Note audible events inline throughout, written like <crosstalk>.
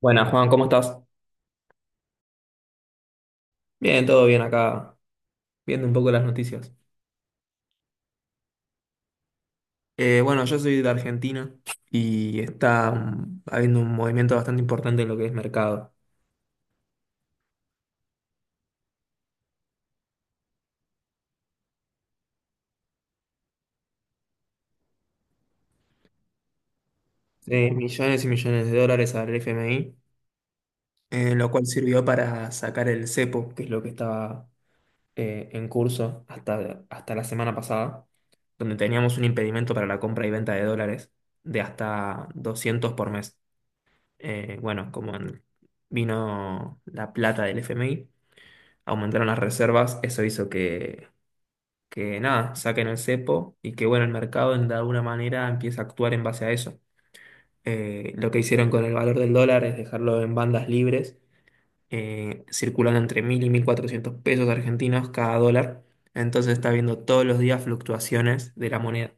Buenas, Juan, ¿cómo estás? Bien, todo bien acá, viendo un poco las noticias. Bueno, yo soy de Argentina y está habiendo un movimiento bastante importante en lo que es mercado. Millones y millones de dólares al FMI, lo cual sirvió para sacar el cepo, que es lo que estaba en curso hasta la semana pasada, donde teníamos un impedimento para la compra y venta de dólares de hasta 200 por mes. Eh, bueno, como en- vino la plata del FMI, aumentaron las reservas. Eso hizo que nada, saquen el cepo y que bueno, el mercado de alguna manera empieza a actuar en base a eso. Lo que hicieron con el valor del dólar es dejarlo en bandas libres, circulando entre 1.000 y 1.400 pesos argentinos cada dólar. Entonces está viendo todos los días fluctuaciones de la moneda.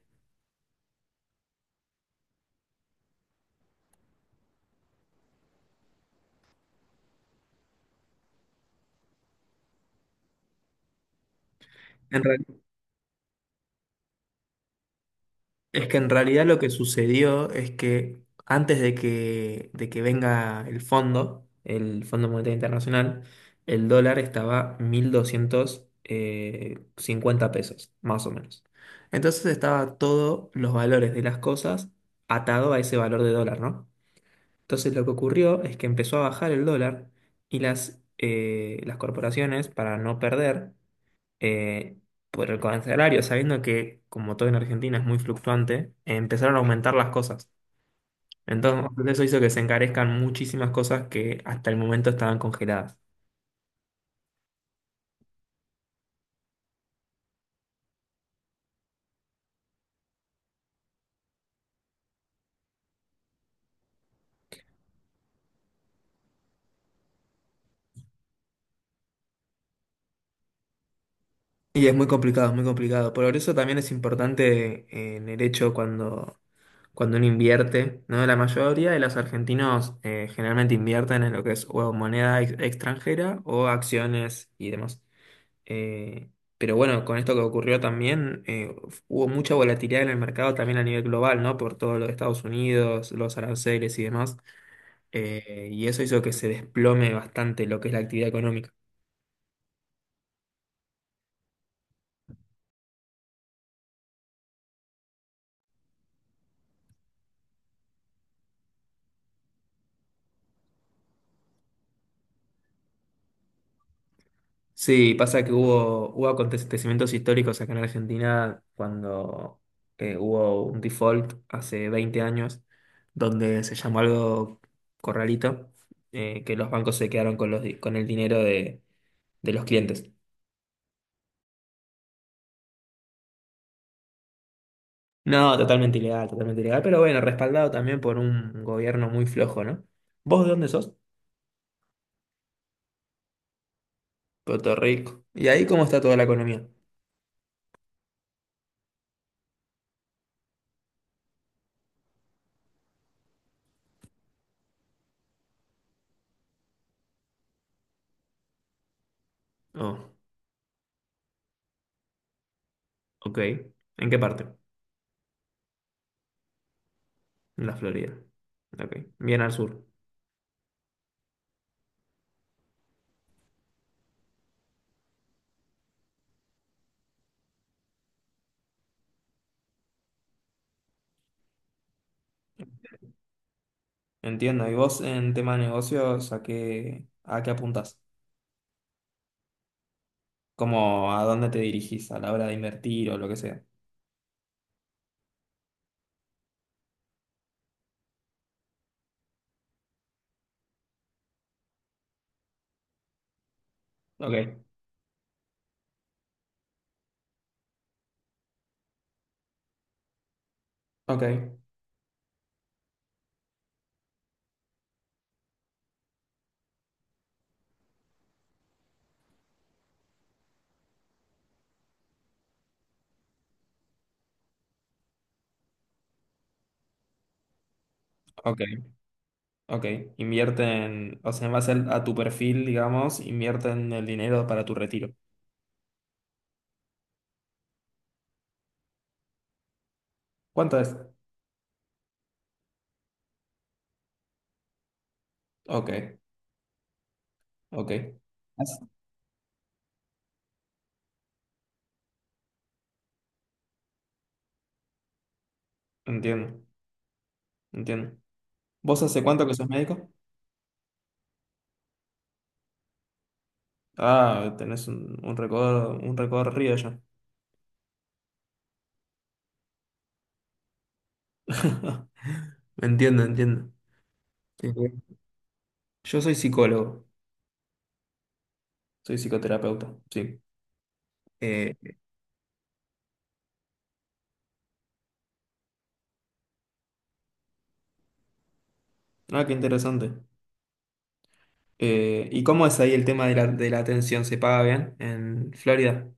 En Es que en realidad lo que sucedió es que antes de de que venga el Fondo Monetario Internacional, el dólar estaba mil doscientos cincuenta pesos, más o menos. Entonces estaba todos los valores de las cosas atado a ese valor de dólar, ¿no? Entonces lo que ocurrió es que empezó a bajar el dólar y las corporaciones, para no perder, eh, por el correccionario, sabiendo que, como todo en Argentina es muy fluctuante, empezaron a aumentar las cosas. Entonces, eso hizo que se encarezcan muchísimas cosas que hasta el momento estaban congeladas. Y es muy complicado, es muy complicado. Por eso también es importante en el hecho cuando uno invierte, ¿no? La mayoría de los argentinos generalmente invierten en lo que es o moneda extranjera o acciones y demás. Eh, pero bueno, con esto que ocurrió también, hubo mucha volatilidad en el mercado también a nivel global, ¿no? Por todo lo de Estados Unidos, los aranceles y demás. Y eso hizo que se desplome bastante lo que es la actividad económica. Sí, pasa que hubo acontecimientos históricos acá en Argentina cuando hubo un default hace 20 años, donde se llamó algo corralito, que los bancos se quedaron con con el dinero de los clientes. No, totalmente ilegal, pero bueno, respaldado también por un gobierno muy flojo, ¿no? ¿Vos de dónde sos? Puerto Rico. ¿Y ahí cómo está toda la economía? Oh, ok. ¿En qué parte? En la Florida. Ok. Bien al sur. Entiendo. ¿Y vos en tema de negocios a a qué apuntás? ¿Cómo a dónde te dirigís a la hora de invertir o lo que sea? Ok, ok, ok, ok. Invierten, o sea, en base a tu perfil, digamos, invierten el dinero para tu retiro. ¿Cuánto es? Ok. Ok, Así- entiendo, entiendo. ¿Vos hace cuánto que sos médico? Ah, tenés un recorrido ya. <laughs> Entiendo, entiendo. Sí, sí. Yo soy psicólogo, soy psicoterapeuta, sí. Eh, ah, qué interesante. ¿Y cómo es ahí el tema de de la atención? ¿Se paga bien en Florida?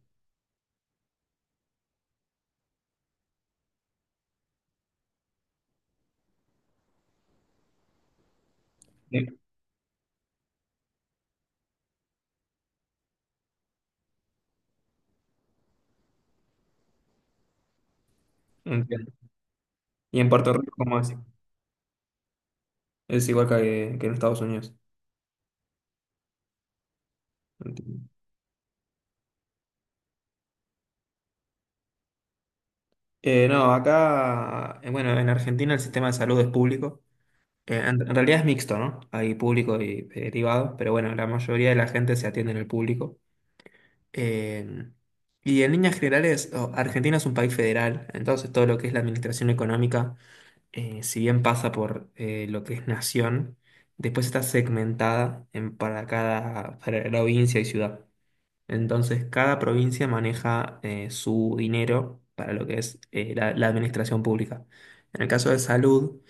Sí, entiendo. ¿Y en Puerto Rico cómo es? Es igual que en Estados Unidos. Entiendo. No, acá, en Argentina el sistema de salud es público. En realidad es mixto, ¿no? Hay público y privado, pero bueno, la mayoría de la gente se atiende en el público. Eh, y en líneas generales, Argentina es un país federal, entonces todo lo que es la administración económica, si bien pasa por lo que es nación, después está segmentada en, para cada provincia y ciudad. Entonces, cada provincia maneja su dinero para lo que es la administración pública. En el caso de salud,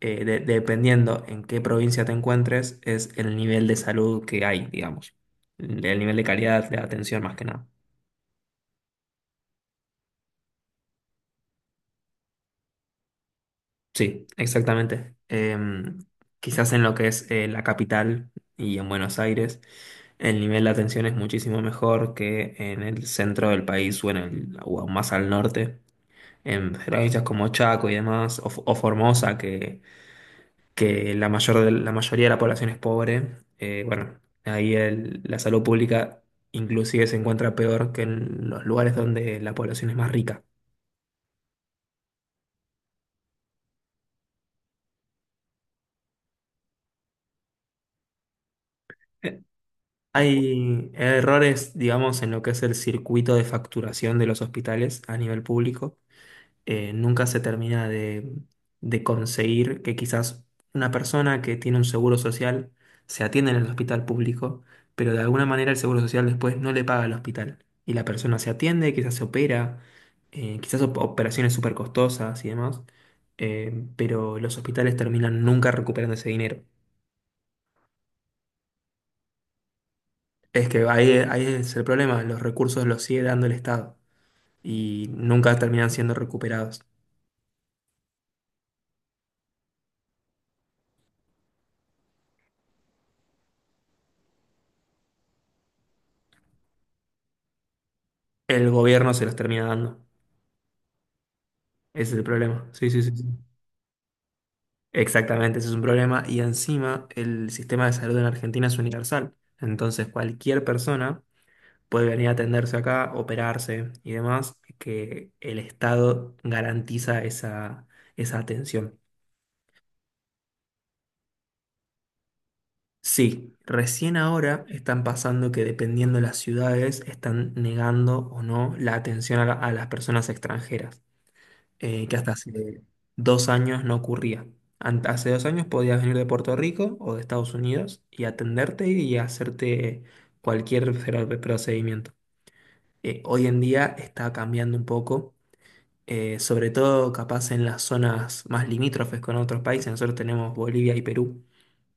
dependiendo en qué provincia te encuentres, es el nivel de salud que hay, digamos. El nivel de calidad de atención más que nada. Sí, exactamente. Quizás en lo que es la capital y en Buenos Aires, el nivel de atención es muchísimo mejor que en el centro del país o en el, o aún más al norte. En provincias como Chaco y demás, o Formosa, que la la mayoría de la población es pobre, eh, bueno, ahí la salud pública inclusive se encuentra peor que en los lugares donde la población es más rica. Eh, Hay errores, digamos, en lo que es el circuito de facturación de los hospitales a nivel público. Nunca se termina de conseguir que quizás una persona que tiene un seguro social se atienda en el hospital público, pero de alguna manera el seguro social después no le paga al hospital. Y la persona se atiende, quizás se opera, operaciones súper costosas y demás, pero los hospitales terminan nunca recuperando ese dinero. Es que ahí, ahí es el problema, los recursos los sigue dando el Estado y nunca terminan siendo recuperados. El gobierno se los termina dando. Ese es el problema. Sí, sí, sí. Sí. Exactamente, ese es un problema. Y encima, el sistema de salud en Argentina es universal. Entonces, cualquier persona puede venir a atenderse acá, operarse y demás, que el Estado garantiza esa, esa atención. Sí, recién ahora están pasando que dependiendo de las ciudades, están negando o no la atención a, a las personas extranjeras. Que hasta hace 2 años no ocurría. Hace 2 años podías venir de Puerto Rico o de Estados Unidos y atenderte y hacerte cualquier procedimiento. Hoy en día está cambiando un poco, sobre todo capaz en las zonas más limítrofes con otros países. Nosotros tenemos Bolivia y Perú.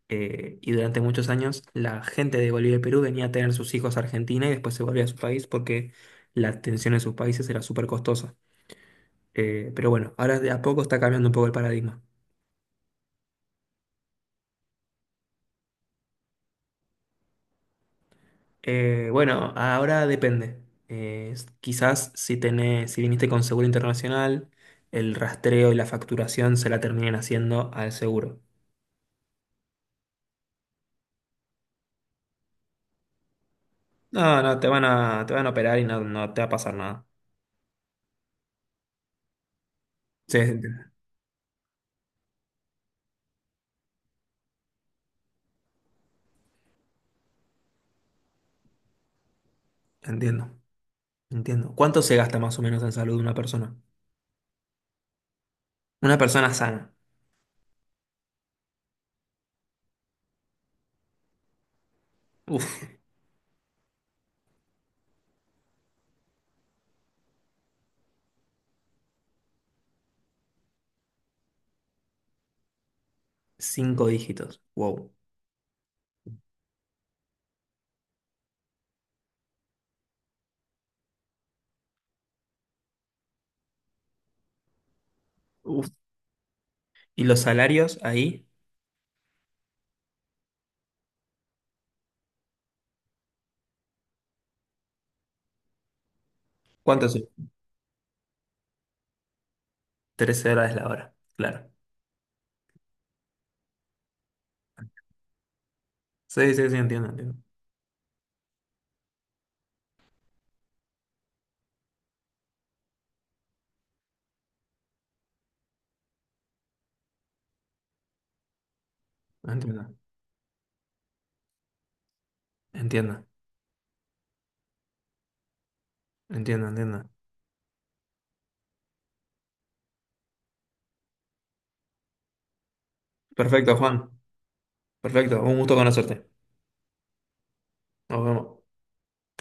Y durante muchos años la gente de Bolivia y Perú venía a tener sus hijos a Argentina y después se volvía a su país porque la atención en sus países era súper costosa. Pero bueno, ahora de a poco está cambiando un poco el paradigma. Bueno, Ahora depende. Quizás si tenés, si viniste con seguro internacional, el rastreo y la facturación se la terminen haciendo al seguro. No, te van a operar y no te va a pasar nada. Sí, entiendo, entiendo. Entiendo. ¿Cuánto se gasta más o menos en salud de una persona? Una persona sana. Uf, cinco dígitos. Wow. Uf. ¿Y los salarios ahí? ¿Cuánto son? $13 la hora. Claro. Sí, sí, sí, entiendo, entiendo. Entiendo, entiendo, entiendo, entiendo. Perfecto, Juan. Perfecto. Un gusto conocerte. Nos vemos.